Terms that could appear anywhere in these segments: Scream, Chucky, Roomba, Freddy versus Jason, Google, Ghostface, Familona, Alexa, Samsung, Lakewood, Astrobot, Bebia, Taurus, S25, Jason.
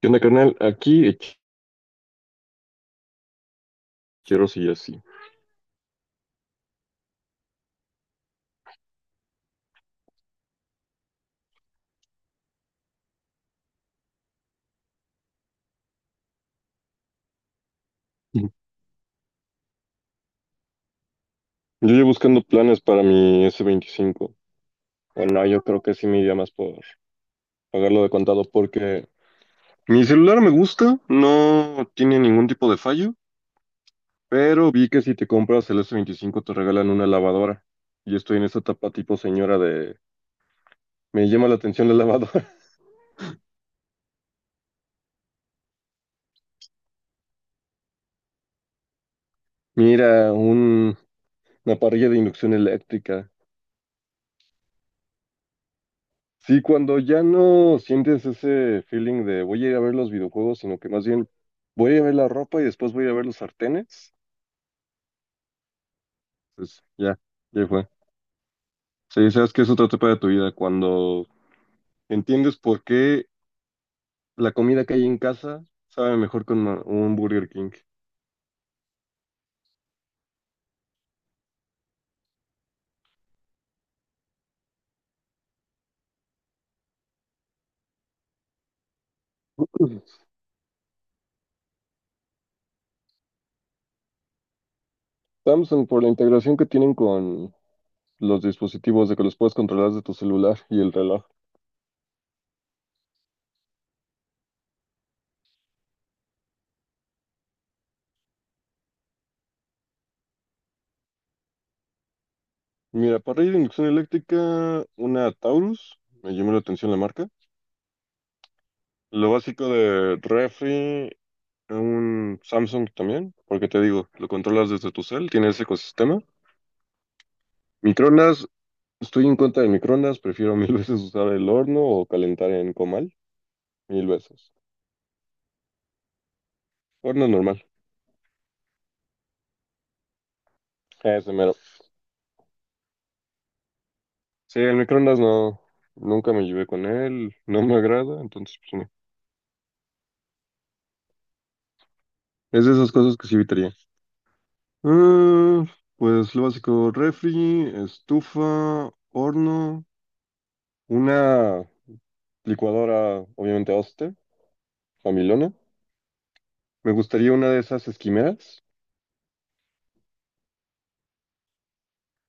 ¿Qué onda, carnal? Aquí quiero seguir así. Yo llevo buscando planes para mi S25. Bueno, yo creo que sí me iría más por pagarlo de contado porque mi celular me gusta, no tiene ningún tipo de fallo, pero vi que si te compras el S25 te regalan una lavadora. Y estoy en esa etapa tipo señora de... Me llama la atención la lavadora. Mira, una parrilla de inducción eléctrica. Sí, cuando ya no sientes ese feeling de voy a ir a ver los videojuegos, sino que más bien voy a ir a ver la ropa y después voy a ir a ver los sartenes, pues ya, ya fue. Sí, sabes que es otra etapa de tu vida, cuando entiendes por qué la comida que hay en casa sabe mejor con un Burger King. Samsung, por la integración que tienen con los dispositivos de que los puedes controlar desde tu celular y el reloj. Mira, parrilla de inducción eléctrica, una Taurus, me llamó la atención la marca. Lo básico de refri, un Samsung también, porque te digo, lo controlas desde tu cel, tiene ese ecosistema. Microondas, estoy en contra de microondas, prefiero mil veces usar el horno o calentar en comal, mil veces. Horno normal, ese mero. Sí, el microondas no, nunca me llevé con él, no me agrada, entonces pues no. Es de esas cosas que sí evitaría. Ah, pues lo básico, refri, estufa, horno, una licuadora, obviamente, familona. Me gustaría una de esas esquimeras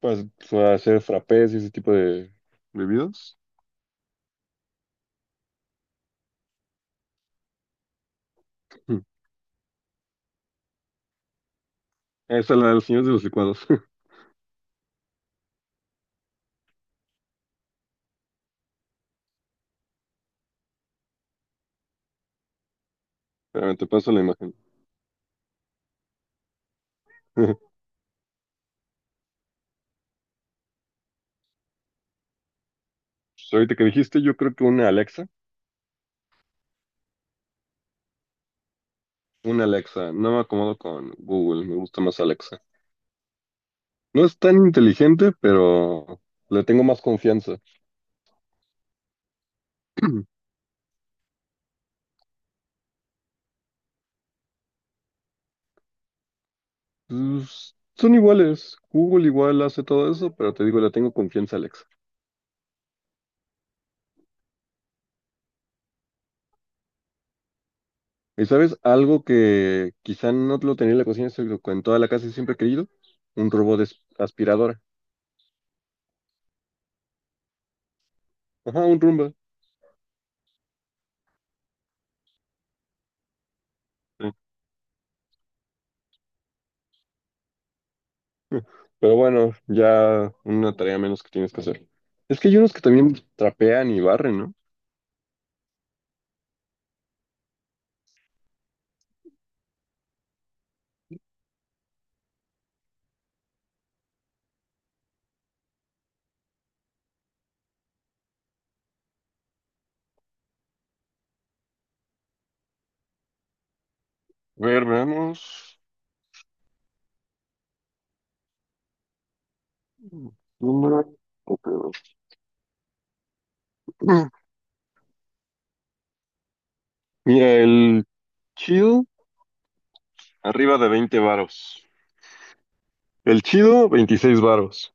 pues, para hacer frappés y ese tipo de bebidas. Mm. Esa es la de los señores de los licuados. Espérame, te paso la imagen. Pues, ahorita que dijiste, yo creo que una Alexa. Una Alexa. No me acomodo con Google. Me gusta más Alexa. No es tan inteligente, pero le tengo más confianza. Pues, son iguales. Google igual hace todo eso, pero te digo, le tengo confianza a Alexa. ¿Y sabes algo que quizá no lo tenía en la cocina, sino que en toda la casa siempre he querido? Un robot de aspiradora. Ajá, un Roomba. Sí. Pero bueno, ya una tarea menos que tienes que hacer. Es que hay unos que también trapean y barren, ¿no? A ver, veamos. Número- Mira, el chido, arriba de 20 varos. El chido, 26 varos.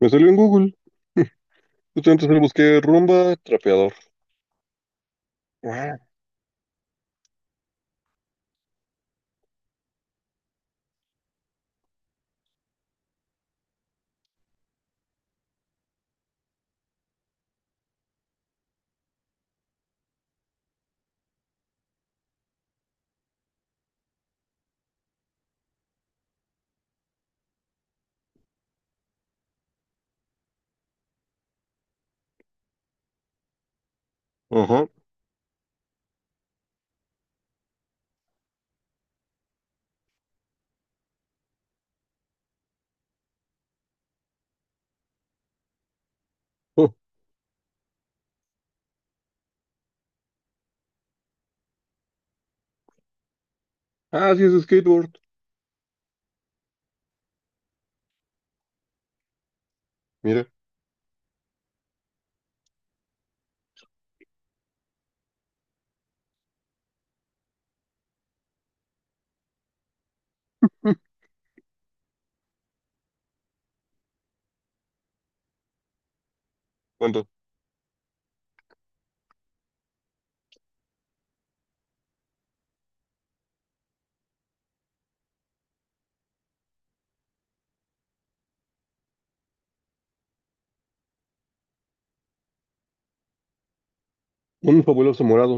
Me salió en Google. Justamente solo busqué rumba, trapeador. Ah, ajá. Oh, ah, sí, es skateboard. Mira, cuánto. Un fabuloso morado.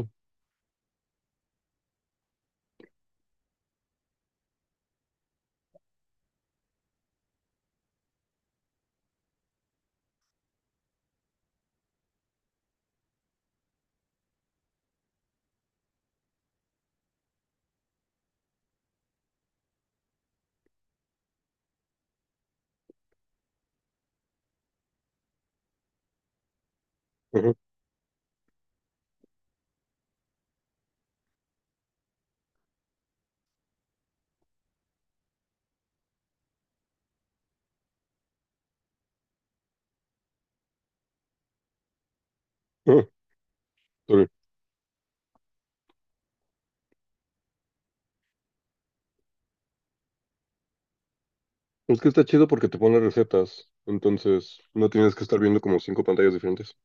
Ajá. Ah, ok. Es que está chido porque te pone recetas. Entonces, no tienes que estar viendo como cinco pantallas diferentes.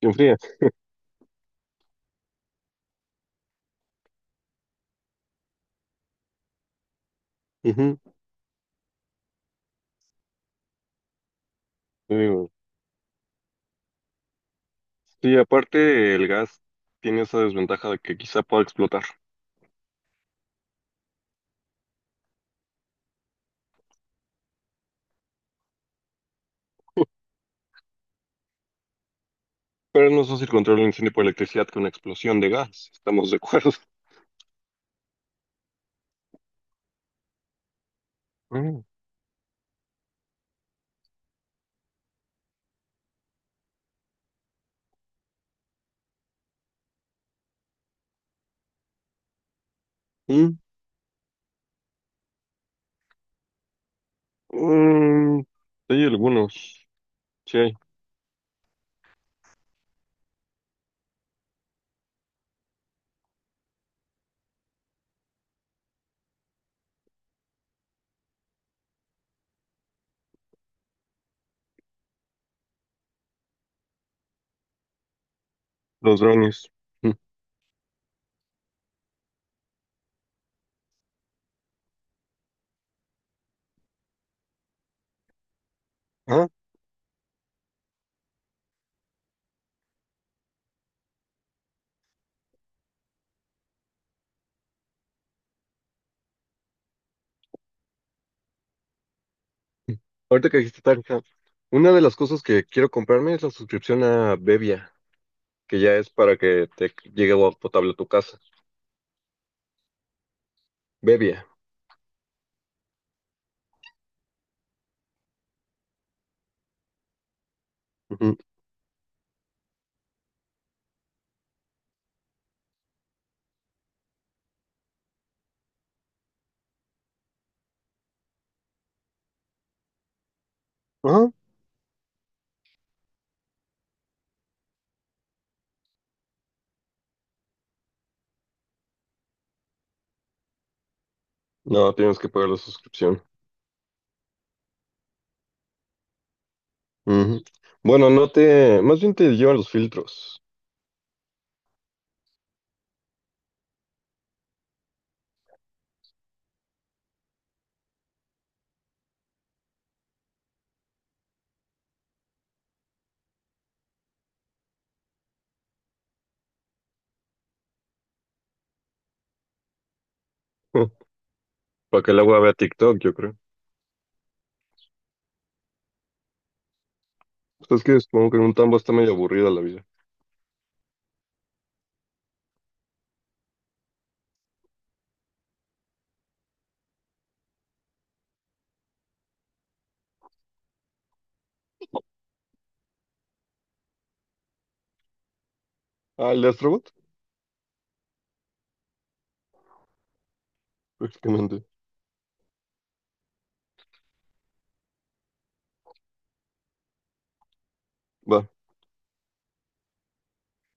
Y enfría. Ujú, te digo. Sí, aparte, el gas tiene esa desventaja de que quizá pueda explotar. Pero es más fácil controlar un incendio por electricidad que una explosión de gas. Estamos de acuerdo. Mm. Mm, mm, sí, hay algunos. Sí hay. Los drones. Mm. Ah, ahorita que dijiste Tanjab, una de las cosas que quiero comprarme es la suscripción a Bebia, que ya es para que te llegue agua potable a tu casa. Bebia. Ujú. Ajá. No, tienes que pagar la suscripción. Ujú. Bueno, no te, más bien te llevan los filtros. Para que el agua vea TikTok, yo creo. Pues es que supongo que en un tambo está medio aburrida la vida. Ah, el de Astrobot, prácticamente. Va.